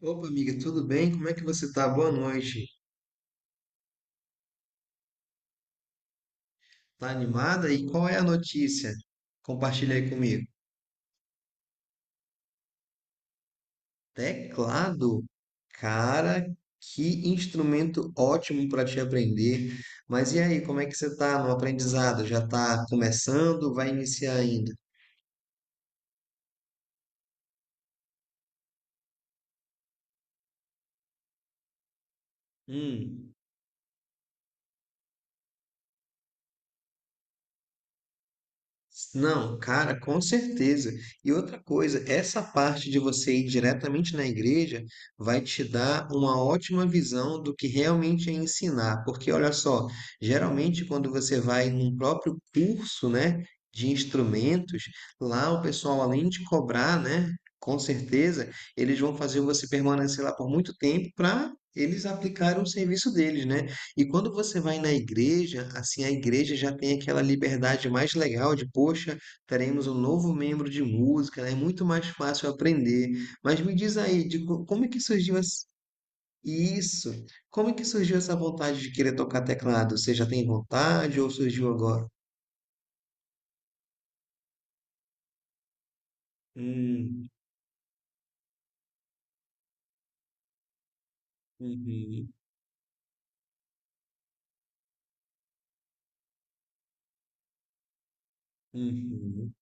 Opa, amiga, tudo bem? Como é que você tá? Boa noite. Tá animada? E qual é a notícia? Compartilha aí comigo. Teclado. Cara, que instrumento ótimo para te aprender. Mas e aí, como é que você tá no aprendizado? Já tá começando? Vai iniciar ainda? Hum. Não, cara, com certeza. E outra coisa, essa parte de você ir diretamente na igreja vai te dar uma ótima visão do que realmente é ensinar. Porque olha só, geralmente quando você vai num próprio curso, né, de instrumentos, lá o pessoal além de cobrar, né, com certeza, eles vão fazer você permanecer lá por muito tempo para eles aplicarem o serviço deles, né? E quando você vai na igreja, assim, a igreja já tem aquela liberdade mais legal de, poxa, teremos um novo membro de música, né? É muito mais fácil aprender. Mas me diz aí, como é que surgiu isso? Como é que surgiu essa vontade de querer tocar teclado? Você já tem vontade ou surgiu agora? Hum, uhum, uhum.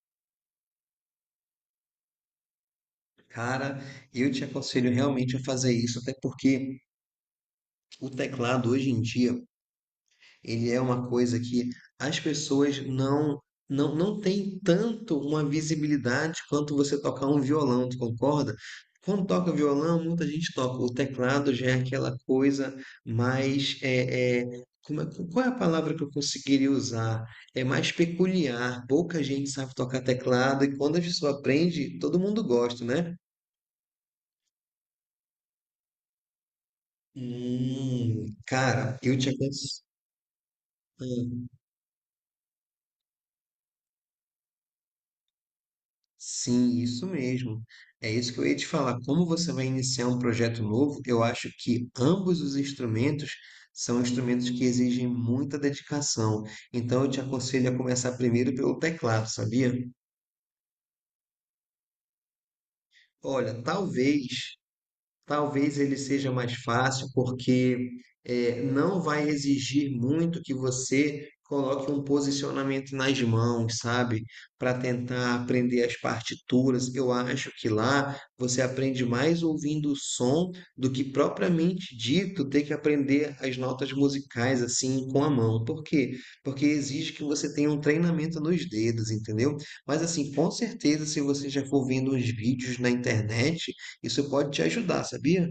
Cara, eu te aconselho realmente a fazer isso, até porque o teclado hoje em dia ele é uma coisa que as pessoas não têm tanto uma visibilidade quanto você tocar um violão, tu concorda? Quando toca violão, muita gente toca. O teclado já é aquela coisa mais qual é a palavra que eu conseguiria usar? É mais peculiar. Pouca gente sabe tocar teclado e quando a pessoa aprende, todo mundo gosta, né? Cara, eu te aconselho. Sim, isso mesmo. É isso que eu ia te falar. Como você vai iniciar um projeto novo, eu acho que ambos os instrumentos são instrumentos que exigem muita dedicação. Então, eu te aconselho a começar primeiro pelo teclado, sabia? Olha, talvez ele seja mais fácil, porque não vai exigir muito que você coloque um posicionamento nas mãos, sabe? Para tentar aprender as partituras. Eu acho que lá você aprende mais ouvindo o som do que propriamente dito ter que aprender as notas musicais assim com a mão. Por quê? Porque exige que você tenha um treinamento nos dedos, entendeu? Mas assim, com certeza, se você já for vendo uns vídeos na internet isso pode te ajudar, sabia?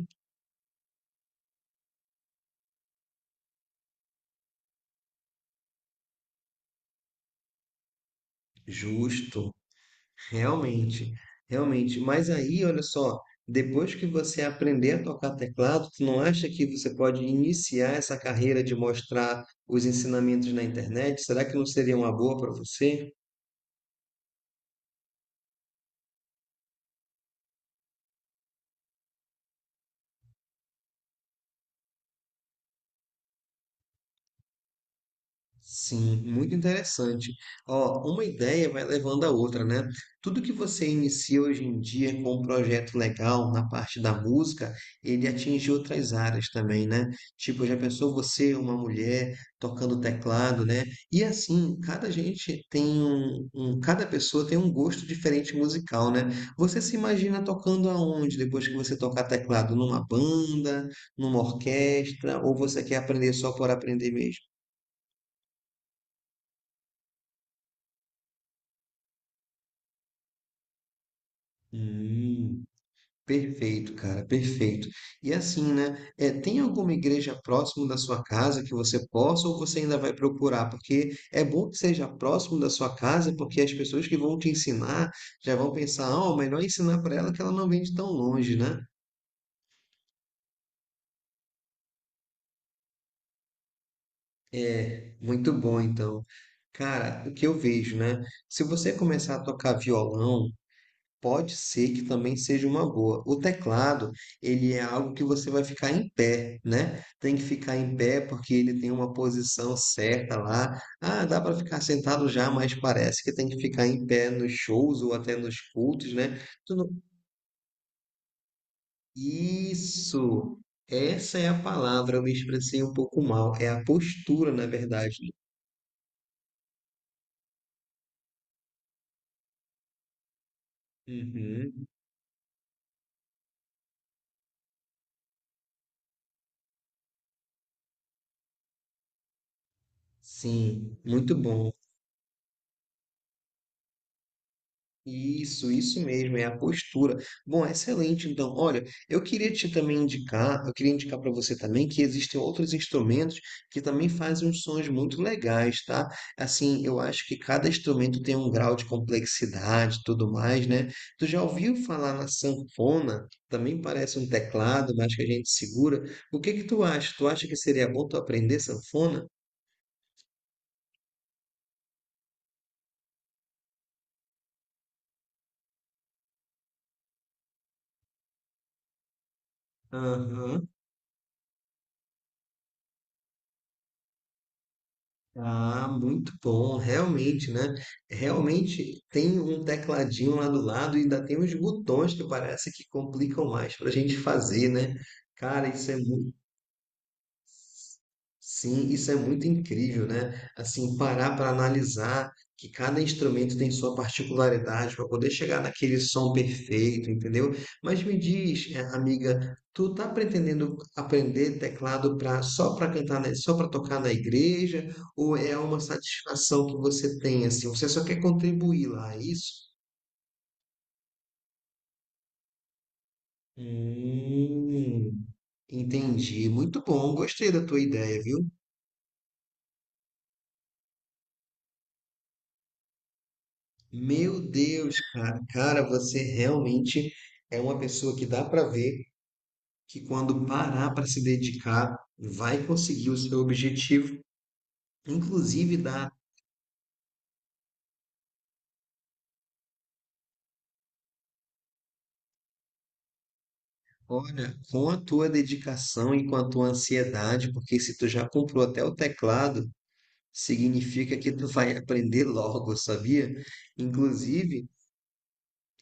Justo, realmente, realmente. Mas aí, olha só, depois que você aprender a tocar teclado, tu não acha que você pode iniciar essa carreira de mostrar os ensinamentos na internet? Será que não seria uma boa para você? Sim, muito interessante. Ó, uma ideia vai levando a outra, né? Tudo que você inicia hoje em dia com um projeto legal na parte da música, ele atinge outras áreas também, né? Tipo, já pensou você, uma mulher, tocando teclado, né? E assim, cada gente tem cada pessoa tem um gosto diferente musical, né? Você se imagina tocando aonde depois que você tocar teclado? Numa banda, numa orquestra, ou você quer aprender só por aprender mesmo? Hum. Perfeito, cara, perfeito. E assim, né? É, tem alguma igreja próximo da sua casa que você possa ou você ainda vai procurar? Porque é bom que seja próximo da sua casa, porque as pessoas que vão te ensinar já vão pensar, ah, melhor é ensinar para ela que ela não vem de tão longe, né? É, muito bom, então. Cara, o que eu vejo, né? Se você começar a tocar violão, pode ser que também seja uma boa. O teclado, ele é algo que você vai ficar em pé, né? Tem que ficar em pé porque ele tem uma posição certa lá. Ah, dá para ficar sentado já, mas parece que tem que ficar em pé nos shows ou até nos cultos, né? Tu não- Isso! Essa é a palavra, eu me expressei um pouco mal. É a postura, na verdade. Uhum. Sim, muito bom. Isso mesmo, é a postura. Bom, excelente. Então, olha, eu queria te também indicar, eu queria indicar para você também que existem outros instrumentos que também fazem uns sons muito legais, tá? Assim, eu acho que cada instrumento tem um grau de complexidade, e tudo mais, né? Tu já ouviu falar na sanfona? Também parece um teclado, mas que a gente segura. O que que tu acha? Tu acha que seria bom tu aprender sanfona? Aham. Ah, muito bom, realmente, né? Realmente tem um tecladinho lá do lado e ainda tem uns botões que parece que complicam mais para a gente fazer, né? Cara, isso é muito. Sim, isso é muito incrível, né? Assim, parar para analisar que cada instrumento tem sua particularidade para poder chegar naquele som perfeito, entendeu? Mas me diz, amiga, tu tá pretendendo aprender teclado para só para cantar, só para tocar na igreja, ou é uma satisfação que você tem assim? Você só quer contribuir lá, é isso? Hum, entendi. Muito bom, gostei da tua ideia, viu? Meu Deus, cara, cara, você realmente é uma pessoa que dá para ver que quando parar para se dedicar, vai conseguir o seu objetivo, inclusive dá, olha, com a tua dedicação e com a tua ansiedade, porque se tu já comprou até o teclado, significa que tu vai aprender logo, sabia? Inclusive,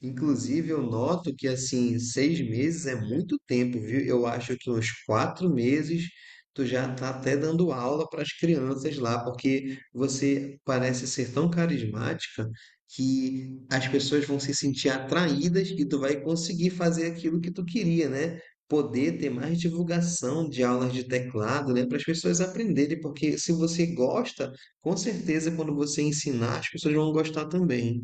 Inclusive, eu noto que assim, seis meses é muito tempo, viu? Eu acho que uns quatro meses tu já tá até dando aula para as crianças lá, porque você parece ser tão carismática que as pessoas vão se sentir atraídas e tu vai conseguir fazer aquilo que tu queria, né? Poder ter mais divulgação de aulas de teclado, né? Para as pessoas aprenderem, porque se você gosta, com certeza quando você ensinar, as pessoas vão gostar também.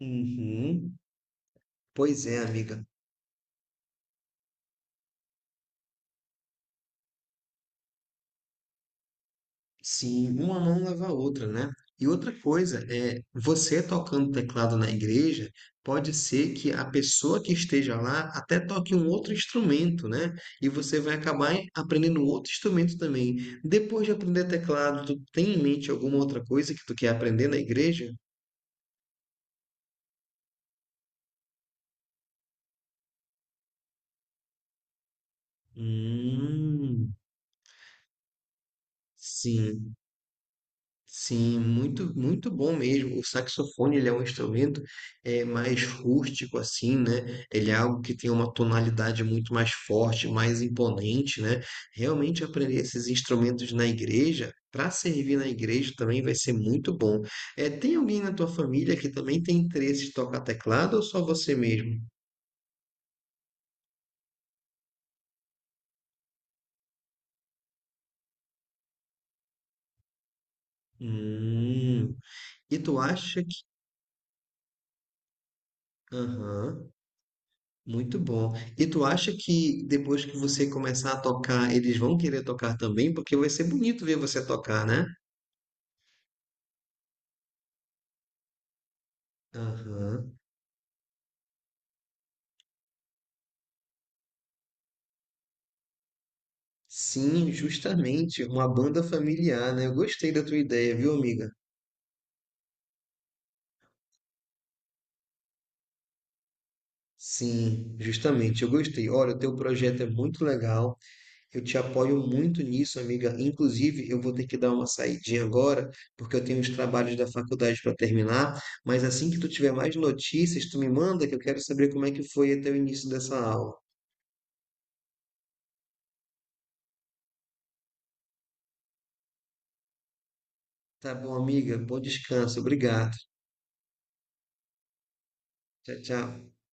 Uhum. Pois é, amiga. Sim, uma mão lava a outra, né? E outra coisa é, você tocando teclado na igreja, pode ser que a pessoa que esteja lá até toque um outro instrumento, né? E você vai acabar aprendendo outro instrumento também. Depois de aprender teclado, tu tem em mente alguma outra coisa que tu quer aprender na igreja? Hum, sim. Sim, muito, muito bom mesmo. O saxofone, ele é um instrumento mais rústico, assim, né? Ele é algo que tem uma tonalidade muito mais forte, mais imponente, né? Realmente aprender esses instrumentos na igreja, para servir na igreja também vai ser muito bom. É, tem alguém na tua família que também tem interesse em tocar teclado ou só você mesmo? Hum. E tu acha que... Aham. Muito bom. E tu acha que depois que você começar a tocar, eles vão querer tocar também? Porque vai ser bonito ver você tocar, né? Aham. Sim, justamente. Uma banda familiar, né? Eu gostei da tua ideia, viu, amiga? Sim, justamente. Eu gostei. Olha, o teu projeto é muito legal. Eu te apoio muito nisso, amiga. Inclusive, eu vou ter que dar uma saidinha agora, porque eu tenho os trabalhos da faculdade para terminar. Mas assim que tu tiver mais notícias, tu me manda, que eu quero saber como é que foi até o início dessa aula. Tá bom, amiga. Bom descanso. Obrigado. Tchau, tchau.